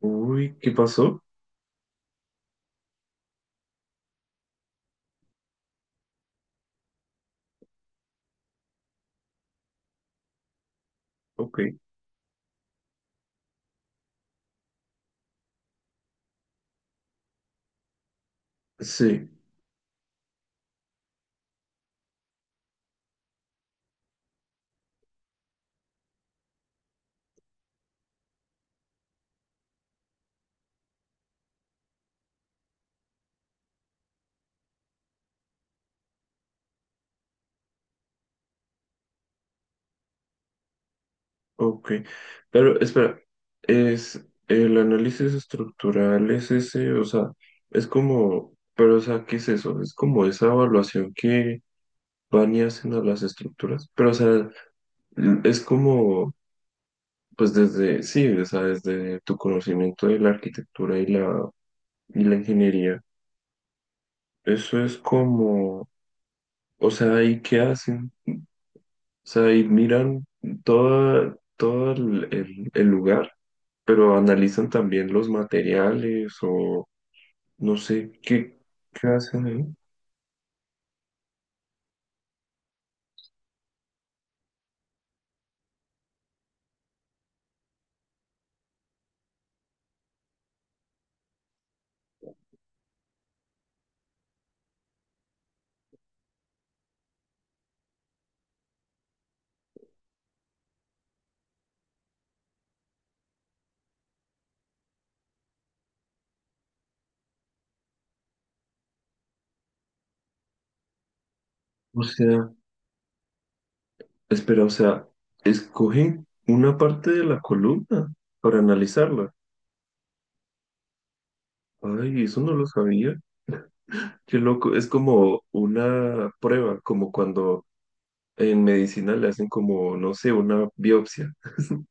Uy, ¿qué pasó? Ok, sí, ok. Pero espera, es el análisis estructural, es ese, o sea, es como, pero o sea, ¿qué es eso? Es como esa evaluación que van y hacen a las estructuras, pero o sea, es como, pues desde, sí, o sea, desde tu conocimiento de la arquitectura y y la ingeniería, eso es como, o sea, ¿y qué hacen? O sea, y miran todo el lugar, pero analizan también los materiales o no sé qué, qué hacen ahí. O sea, espera, o sea, escogen una parte de la columna para analizarla. Ay, eso no lo sabía. Qué loco, es como una prueba, como cuando en medicina le hacen como, no sé, una biopsia.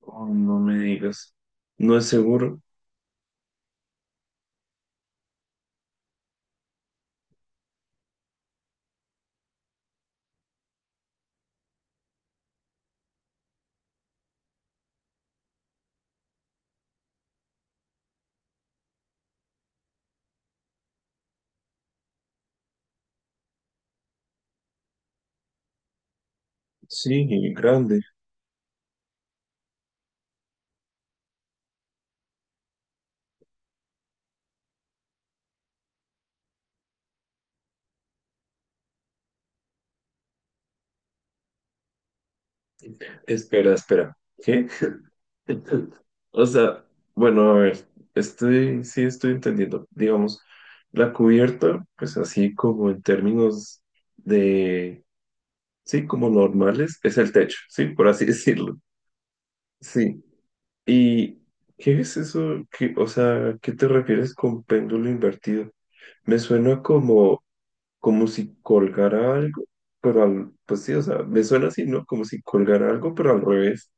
Oh, no me digas. No es seguro. Sí, grande. Espera, espera. ¿Qué? O sea, bueno, a ver, sí estoy entendiendo. Digamos, la cubierta, pues así como en términos de, sí, como normales, es el techo, sí, por así decirlo. Sí. ¿Y qué es eso? Que o sea, ¿qué te refieres con péndulo invertido? Me suena como, como si colgara algo, pero al, pues sí, o sea, me suena así, ¿no? Como si colgara algo, pero al revés.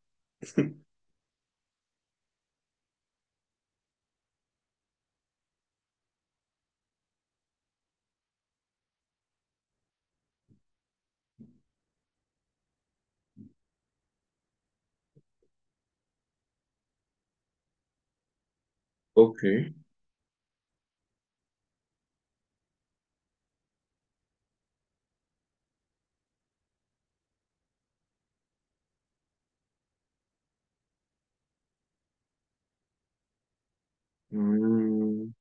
Ok. Mm,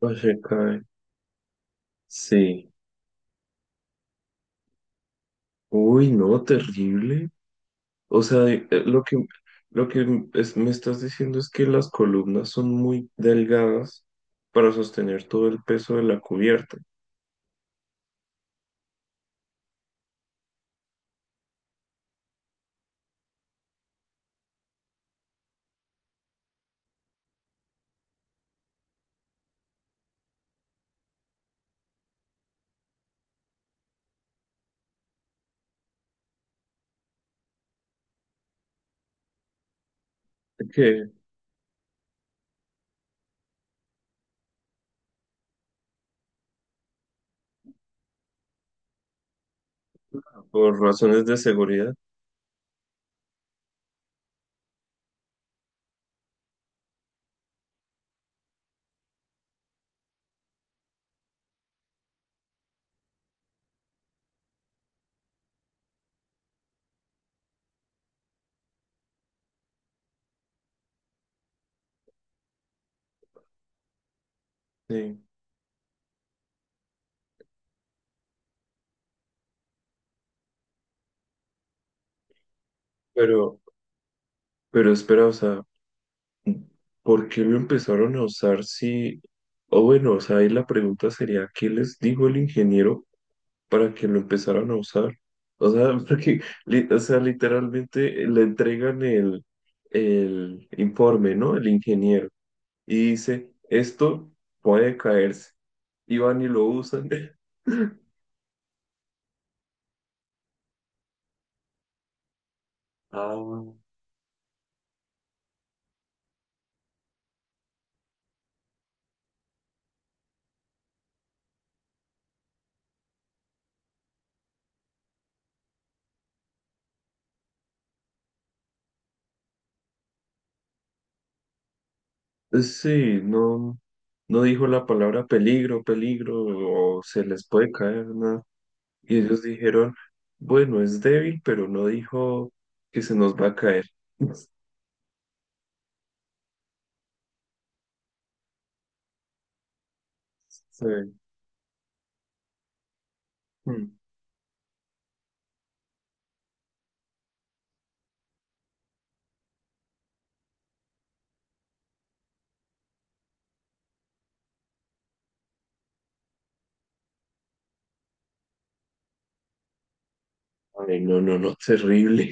Oye, cae. Sí. Uy, no, terrible. O sea, lo que me estás diciendo es que las columnas son muy delgadas para sostener todo el peso de la cubierta. Que por razones de seguridad, sí. Pero, pero espera, o sea, ¿por qué lo empezaron a usar si... O bueno, o sea, ahí la pregunta sería, ¿qué les dijo el ingeniero para que lo empezaran a usar. O sea, porque, o sea, literalmente le entregan el informe, ¿no? El ingeniero. Y dice, esto puede caerse. Y van y lo usan. Ah, sí, no, no dijo la palabra peligro, peligro, o se les puede caer, nada. Y ellos dijeron, bueno, es débil, pero no dijo que se nos va a caer. Sí. Mm. Ay, no, no, no, terrible.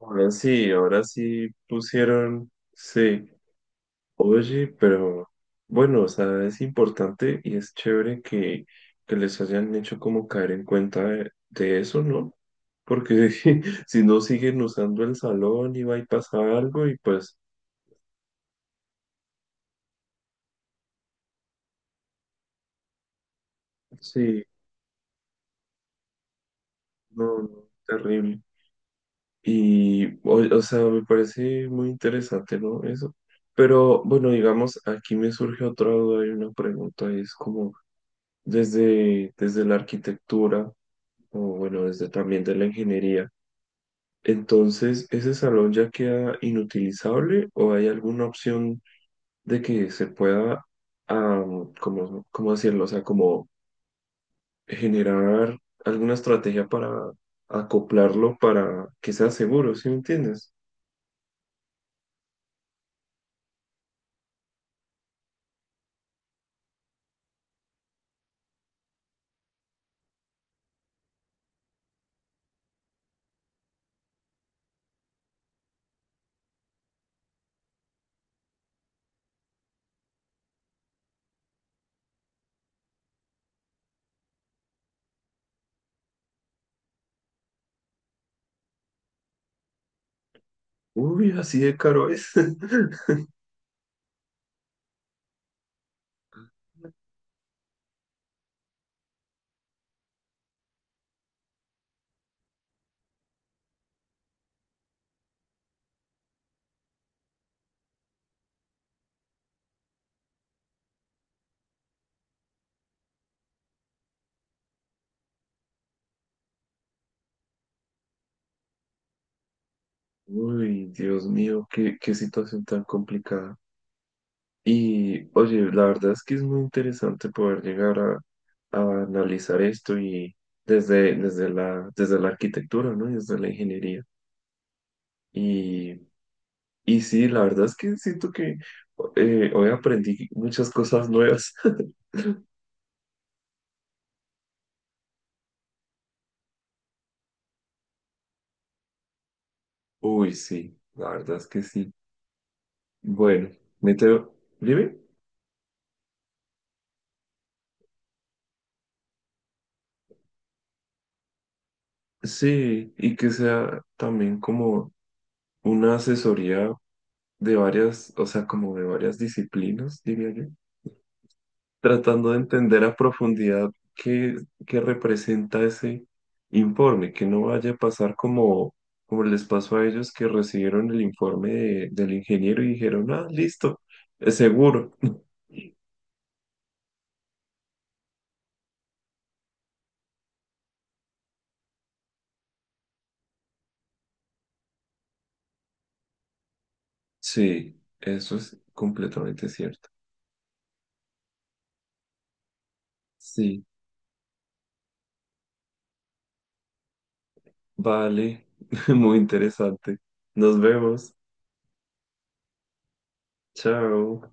Ahora sí pusieron, sí, oye, pero bueno, o sea, es importante y es chévere que les hayan hecho como caer en cuenta de eso, ¿no? Porque si no siguen usando el salón y va y pasa algo y pues sí, no, no, terrible. Y, o sea, me parece muy interesante, ¿no? Eso. Pero bueno, digamos, aquí me surge otra duda y una pregunta, y es como... desde, desde la arquitectura o bueno, desde también de la ingeniería. Entonces, ¿ese salón ya queda inutilizable o hay alguna opción de que se pueda, como ¿cómo, cómo decirlo? O sea, como generar alguna estrategia para acoplarlo para que sea seguro, ¿sí me entiendes? Uy, así de caro es. Uy, Dios mío, qué, qué situación tan complicada. Y oye, la verdad es que es muy interesante poder llegar a analizar esto y desde, desde la arquitectura, ¿no? Y desde la ingeniería. Y, y sí, la verdad es que siento que hoy aprendí muchas cosas nuevas. Uy, sí, la verdad es que sí. Bueno, me tengo... ¿Dime? Sí, y que sea también como una asesoría de varias, o sea, como de varias disciplinas, diría yo. Tratando de entender a profundidad qué, qué representa ese informe, que no vaya a pasar como, como les pasó a ellos que recibieron el informe del ingeniero y dijeron, ah, listo, es seguro. Sí, eso es completamente cierto. Sí, vale, muy interesante. Nos vemos. Chao.